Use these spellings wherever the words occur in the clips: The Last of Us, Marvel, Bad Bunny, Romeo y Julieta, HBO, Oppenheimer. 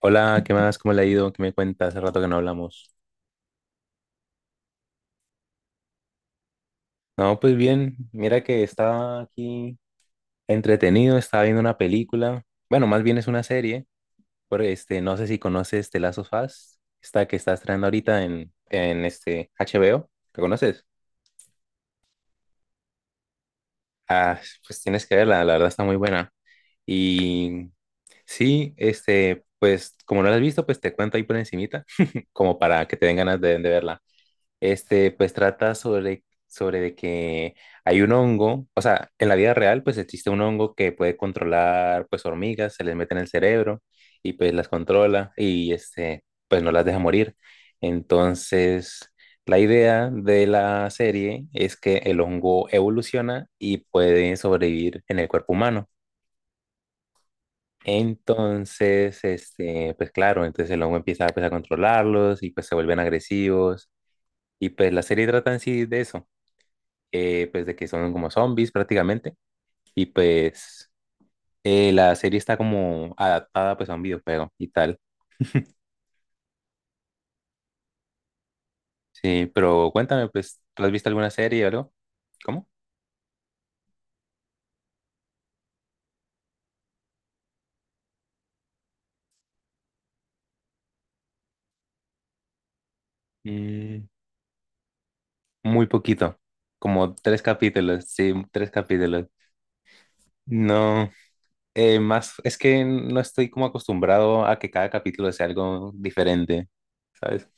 Hola, ¿qué más? ¿Cómo le ha ido? ¿Qué me cuenta? Hace rato que no hablamos. No, pues bien, mira que estaba aquí entretenido, estaba viendo una película. Bueno, más bien es una serie, porque no sé si conoces The Last of Us, esta que está estrenando ahorita en este HBO. ¿La conoces? Ah, pues tienes que verla, la verdad está muy buena. Y sí, pues como no la has visto, pues te cuento ahí por encimita, como para que te den ganas de verla. Pues trata sobre de que hay un hongo, o sea, en la vida real, pues existe un hongo que puede controlar, pues, hormigas, se les mete en el cerebro y pues las controla y, pues no las deja morir. Entonces, la idea de la serie es que el hongo evoluciona y puede sobrevivir en el cuerpo humano. Entonces, pues claro, entonces el hongo empieza pues, a controlarlos y pues se vuelven agresivos. Y pues la serie trata en sí de eso, pues de que son como zombies prácticamente, y pues la serie está como adaptada pues a un videojuego y tal. Sí, pero cuéntame, pues, ¿tú has visto alguna serie o algo? ¿Cómo? Mm, muy poquito, como tres capítulos, sí, tres capítulos. No, más es que no estoy como acostumbrado a que cada capítulo sea algo diferente, ¿sabes?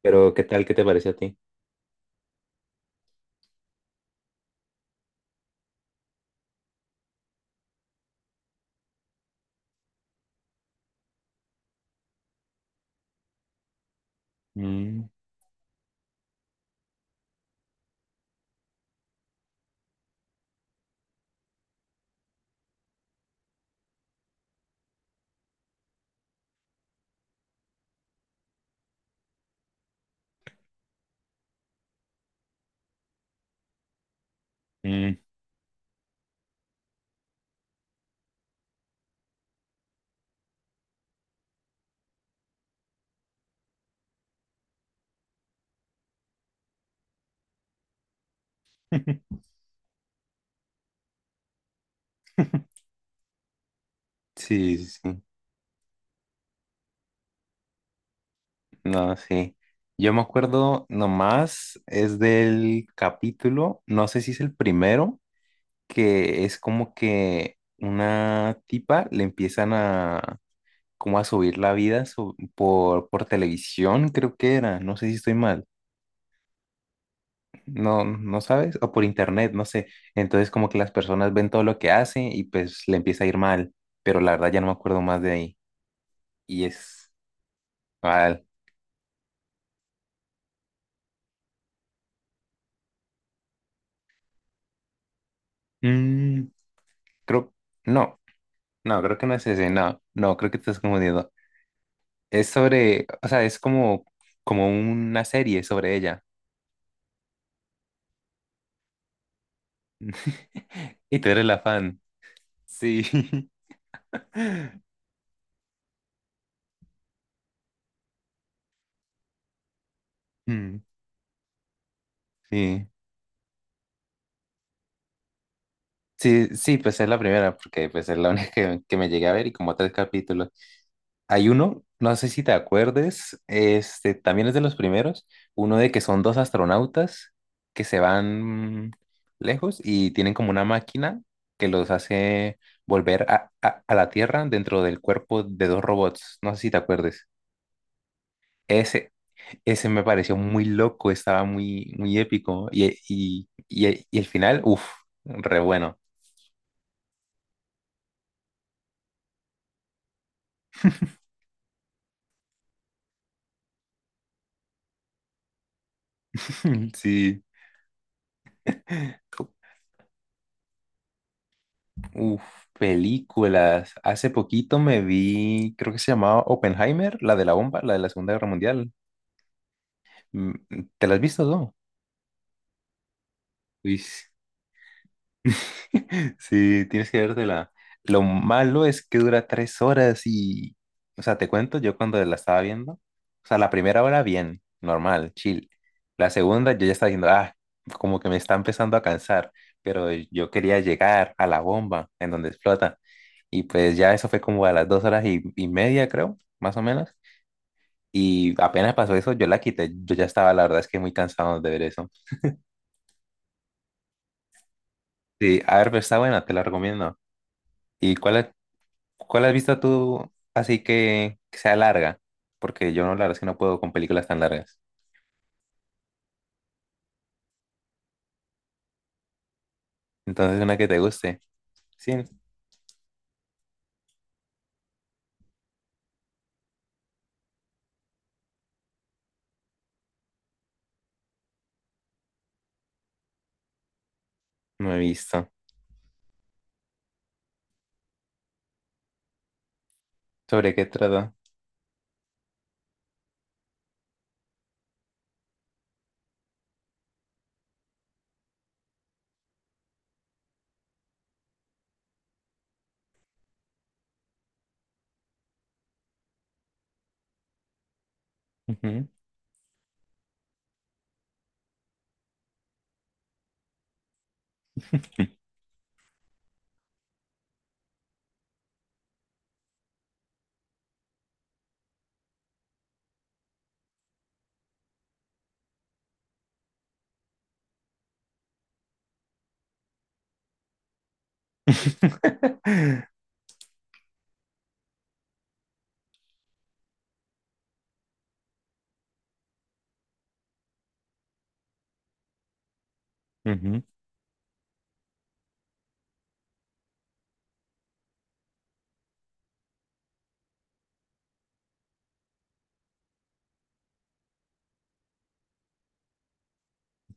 Pero ¿qué tal? ¿Qué te parece a ti? Mm, mm. Sí, sí, sí. No, sí. Yo me acuerdo nomás, es del capítulo, no sé si es el primero, que es como que una tipa le empiezan a como a subir la vida su- por televisión, creo que era, no sé si estoy mal, no, no sabes, o por internet, no sé. Entonces como que las personas ven todo lo que hace y pues le empieza a ir mal, pero la verdad ya no me acuerdo más de ahí. Y es mal. Mm, creo, no. No, creo que no es ese, no, no, creo que te estás confundiendo. Es sobre, o sea, es como, como una serie sobre ella. Y tú eres la fan. Sí. Mm, sí. Sí, sí, pues es la primera, porque pues es la única que me llegué a ver y como tres capítulos. Hay uno, no sé si te acuerdes, este también es de los primeros, uno de que son dos astronautas que se van lejos y tienen como una máquina que los hace volver a la Tierra dentro del cuerpo de dos robots, no sé si te acuerdes. Ese, ese me pareció muy loco, estaba muy épico y el final, uff, re bueno. Sí. Uf, películas. Hace poquito me vi, creo que se llamaba Oppenheimer, la de la bomba, la de la Segunda Guerra Mundial. Mm, ¿te la has visto, no? Uy, sí. Sí, tienes que vértela. Lo malo es que dura tres horas y, o sea, te cuento, yo cuando la estaba viendo, o sea, la primera hora bien, normal, chill. La segunda yo ya estaba diciendo, ah, como que me está empezando a cansar, pero yo quería llegar a la bomba en donde explota. Y pues ya eso fue como a las dos horas y media, creo, más o menos. Y apenas pasó eso, yo la quité. Yo ya estaba, la verdad es que muy cansado de ver eso. Sí, a ver, pero está buena, te la recomiendo. ¿Y cuál es, ¿Cuál has visto tú así que sea larga? Porque yo no, la verdad es que no puedo con películas tan largas. Entonces, una que te guste. Sí, no he visto. ¿Sobre qué trata? Ujú. Ujú,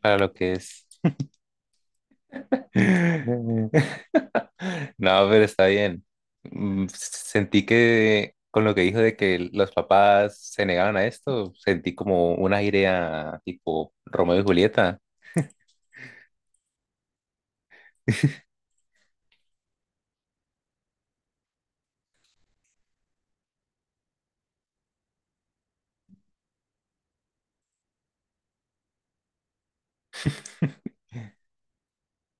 para lo que es. No, pero está bien. Mm, sentí que con lo que dijo de que los papás se negaban a esto, sentí como una idea tipo Romeo y Julieta.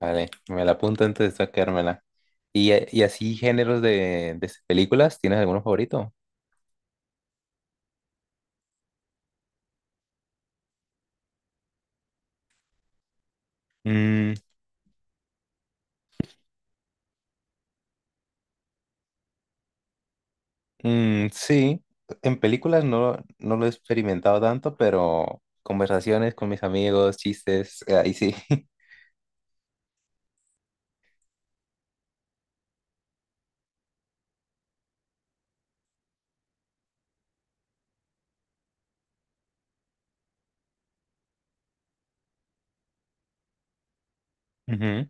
Vale, me la apunto antes de sacármela. Y así géneros de películas? ¿Tienes alguno favorito? Mm, mm, sí, en películas no, no lo he experimentado tanto, pero conversaciones con mis amigos, chistes, ahí sí. Ujú,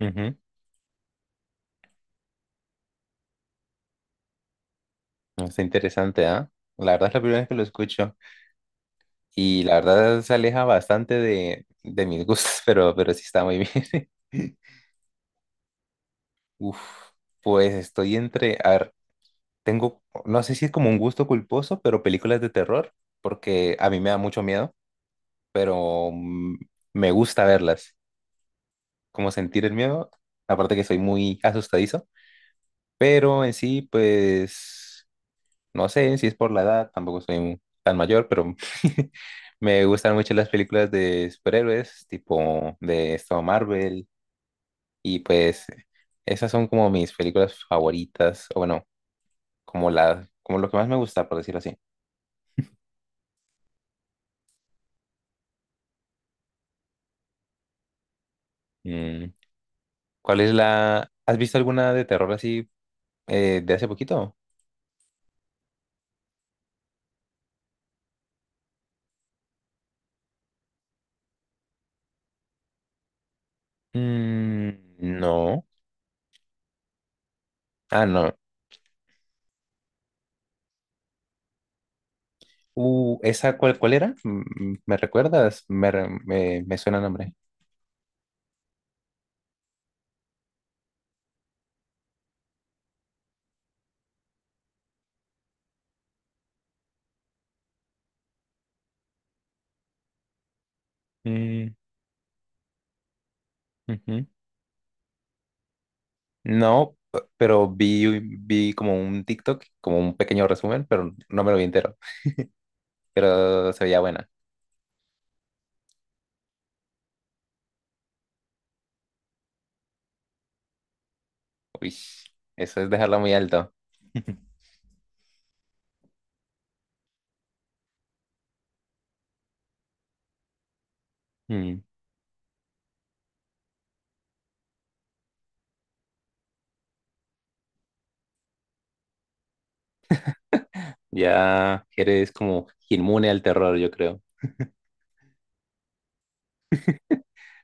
ujú. No, está interesante, ¿ah? La verdad es la primera vez que lo escucho y la verdad se aleja bastante de mis gustos, pero sí está muy bien. Uf, pues estoy entre... A ver, tengo, no sé si es como un gusto culposo, pero películas de terror, porque a mí me da mucho miedo, pero me gusta verlas, como sentir el miedo, aparte que soy muy asustadizo, pero en sí, pues, no sé si es por la edad, tampoco soy un- tan mayor, pero me gustan mucho las películas de superhéroes, tipo de esto Marvel, y pues esas son como mis películas favoritas, o bueno, como la, como lo que más me gusta, por decirlo así. Mm. ¿Cuál es la... ¿Has visto alguna de terror así de hace poquito? Mm, no. Ah, no. ¿Esa cuál era? Mm, ¿me recuerdas? Me suena el nombre. Mm, ujú. No, p- pero vi como un TikTok, como un pequeño resumen, pero no me lo vi entero. Pero se veía buena. Uy, eso es dejarla muy alto. Mm, ya eres como inmune al terror, yo creo.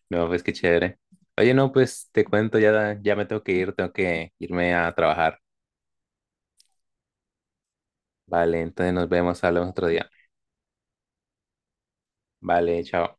No, pues qué chévere. Oye, no, pues te cuento, ya, ya me tengo que ir, tengo que irme a trabajar. Vale, entonces nos vemos, hablamos otro día. Vale, chao.